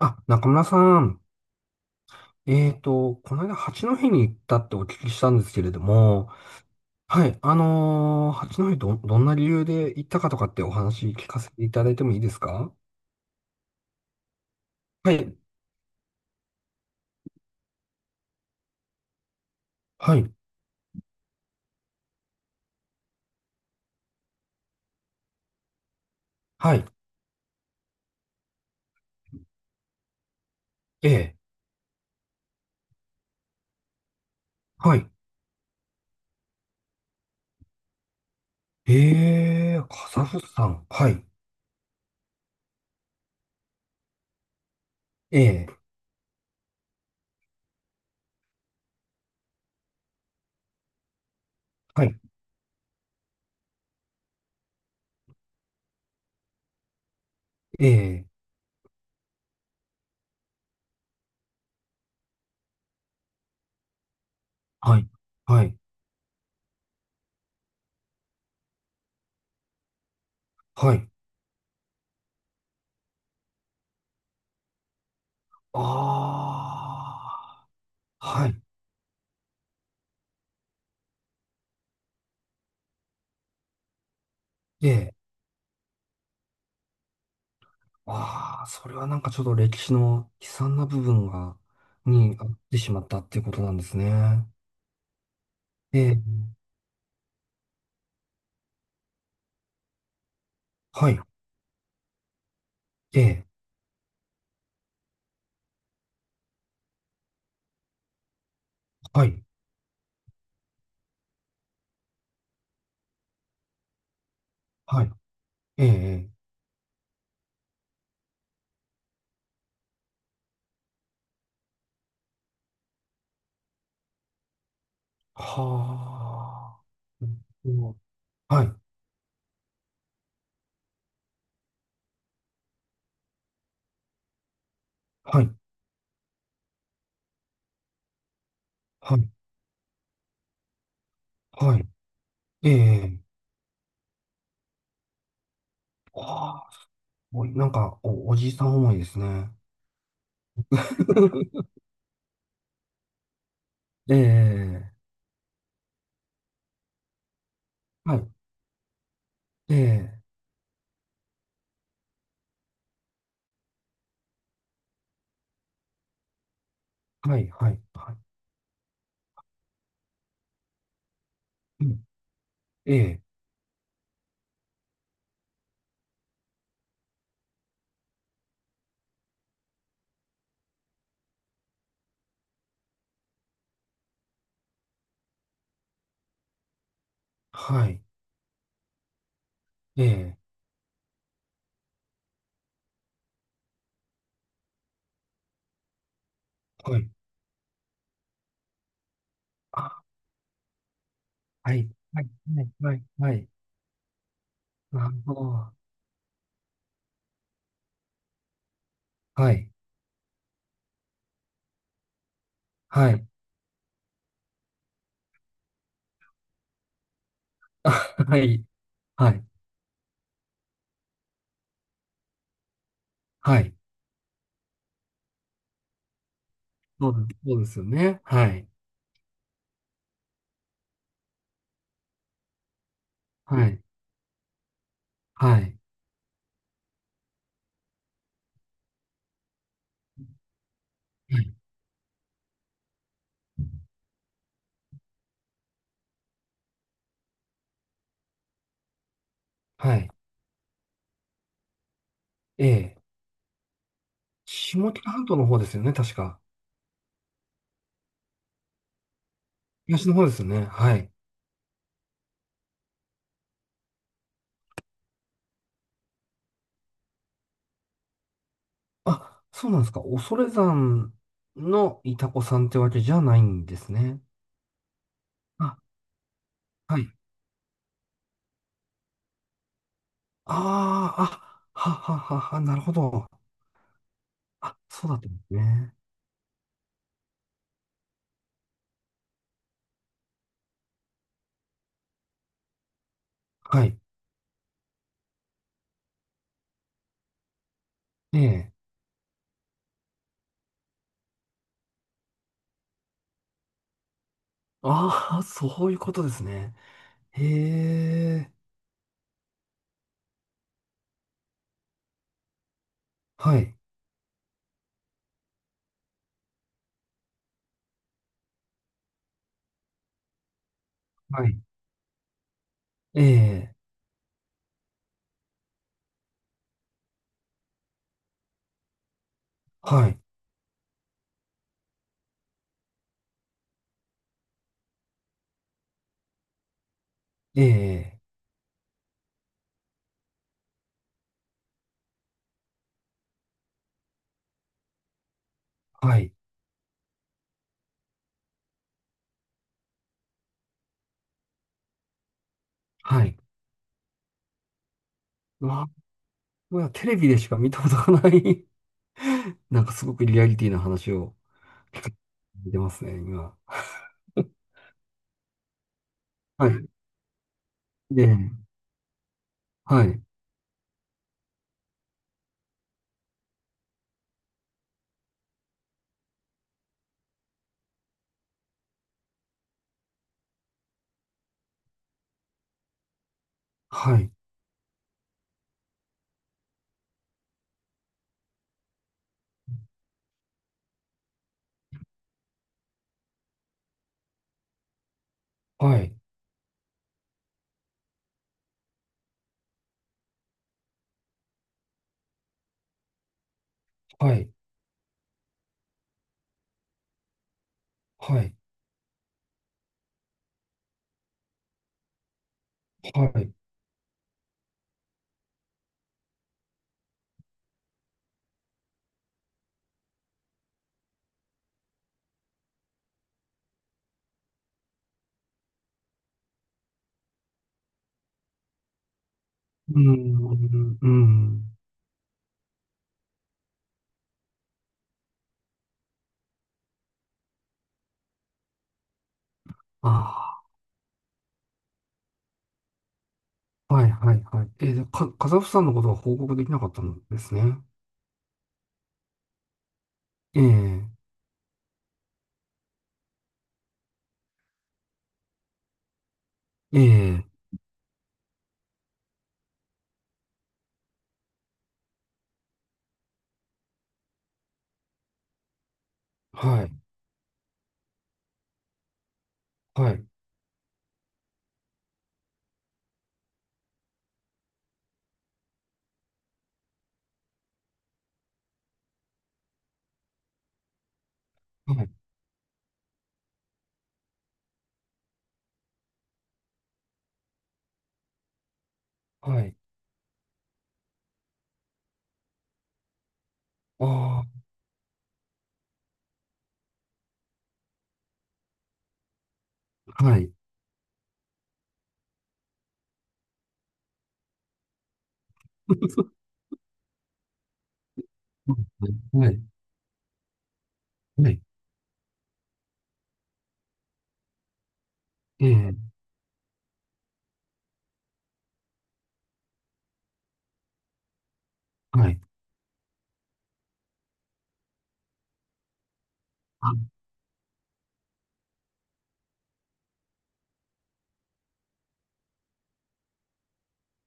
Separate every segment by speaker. Speaker 1: あ、中村さん。この間、八戸に行ったってお聞きしたんですけれども、はい、八戸どんな理由で行ったかとかってお話聞かせていただいてもいいですか？はい、はい、はい、ええ、はい、ええ、カザフスタン、はい、ええ、はい、ええ、はい、はい、はい、ああ、はい、ええ。ああ、それはなんかちょっと歴史の悲惨な部分が、にあってしまったっていうことなんですね。ええ、はい、ええ、はい、はい、ええ、ええ、はあ、うん、はい、はい、はい、はい、ええ、はあ、すごい、なんかおじいさん思いですね。ええ、はい、ええ、はい、はい、はい、うん、ええ、はい、ええ、はい、あ、はい、はい、はい、はい、はい、なるほど。はい。はい。あ、はい。はい。はい。そうです、そうですよね。はい。はい。はい。はい。はい。ええ。下北半島の方ですよね、確か。東の方ですよね。はい。あ、そうなんですか。恐山のイタコさんってわけじゃないんですね。あ、はい。ああ、あ、はははは、なるほど。あ、そうだったんですね。はい。ええ。ああ、そういうことですね。へえ。はい。はい。ええ、はい、ええ、はい、はい。うわ、うわ、テレビでしか見たことがない。 なんかすごくリアリティな話を聞かれてますね、今。はい、ええ、はい、はい、はい、はい、はい、はい。うーん、うーん、ああ、はい、はい、はい。ええ、カザフさんのことは報告できなかったんですね。ええ、ええ、はい、はい、はい、はい、ああ、はい。はい、はい、はい。ええ、はい。あ、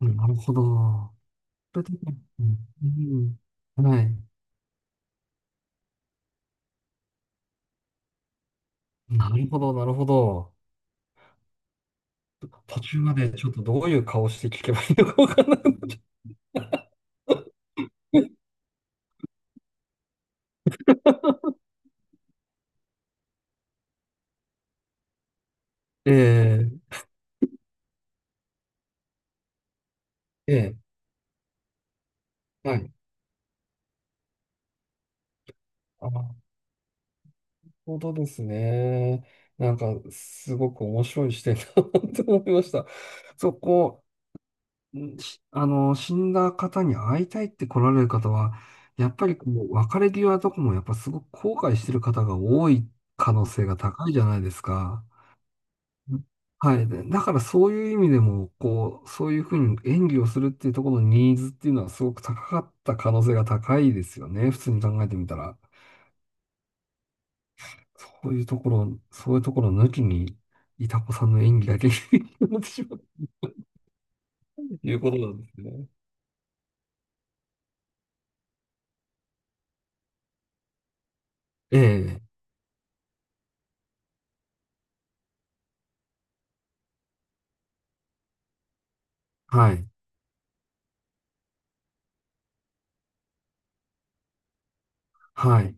Speaker 1: うん、なるほど。それでね、うん、うん、はい。なるほど、なるほど。途中までちょっとどういう顔して聞けばいいのかわからなくなっちゃった。 ええ、ええ、はい。あ、なるほどですね。なんか、すごく面白い視点だなと思いました。そこ、んしあの、死んだ方に会いたいって来られる方は、やっぱりこう、別れ際とかもやっぱすごく後悔してる方が多い可能性が高いじゃないですか。うん、はい。で、だからそういう意味でも、こう、そういうふうに演技をするっていうところのニーズっていうのはすごく高かった可能性が高いですよね。普通に考えてみたら。そういうところ、そういうところ抜きに、いたこさんの演技だけ になってしまうということなんですね。ええ。はい。はい。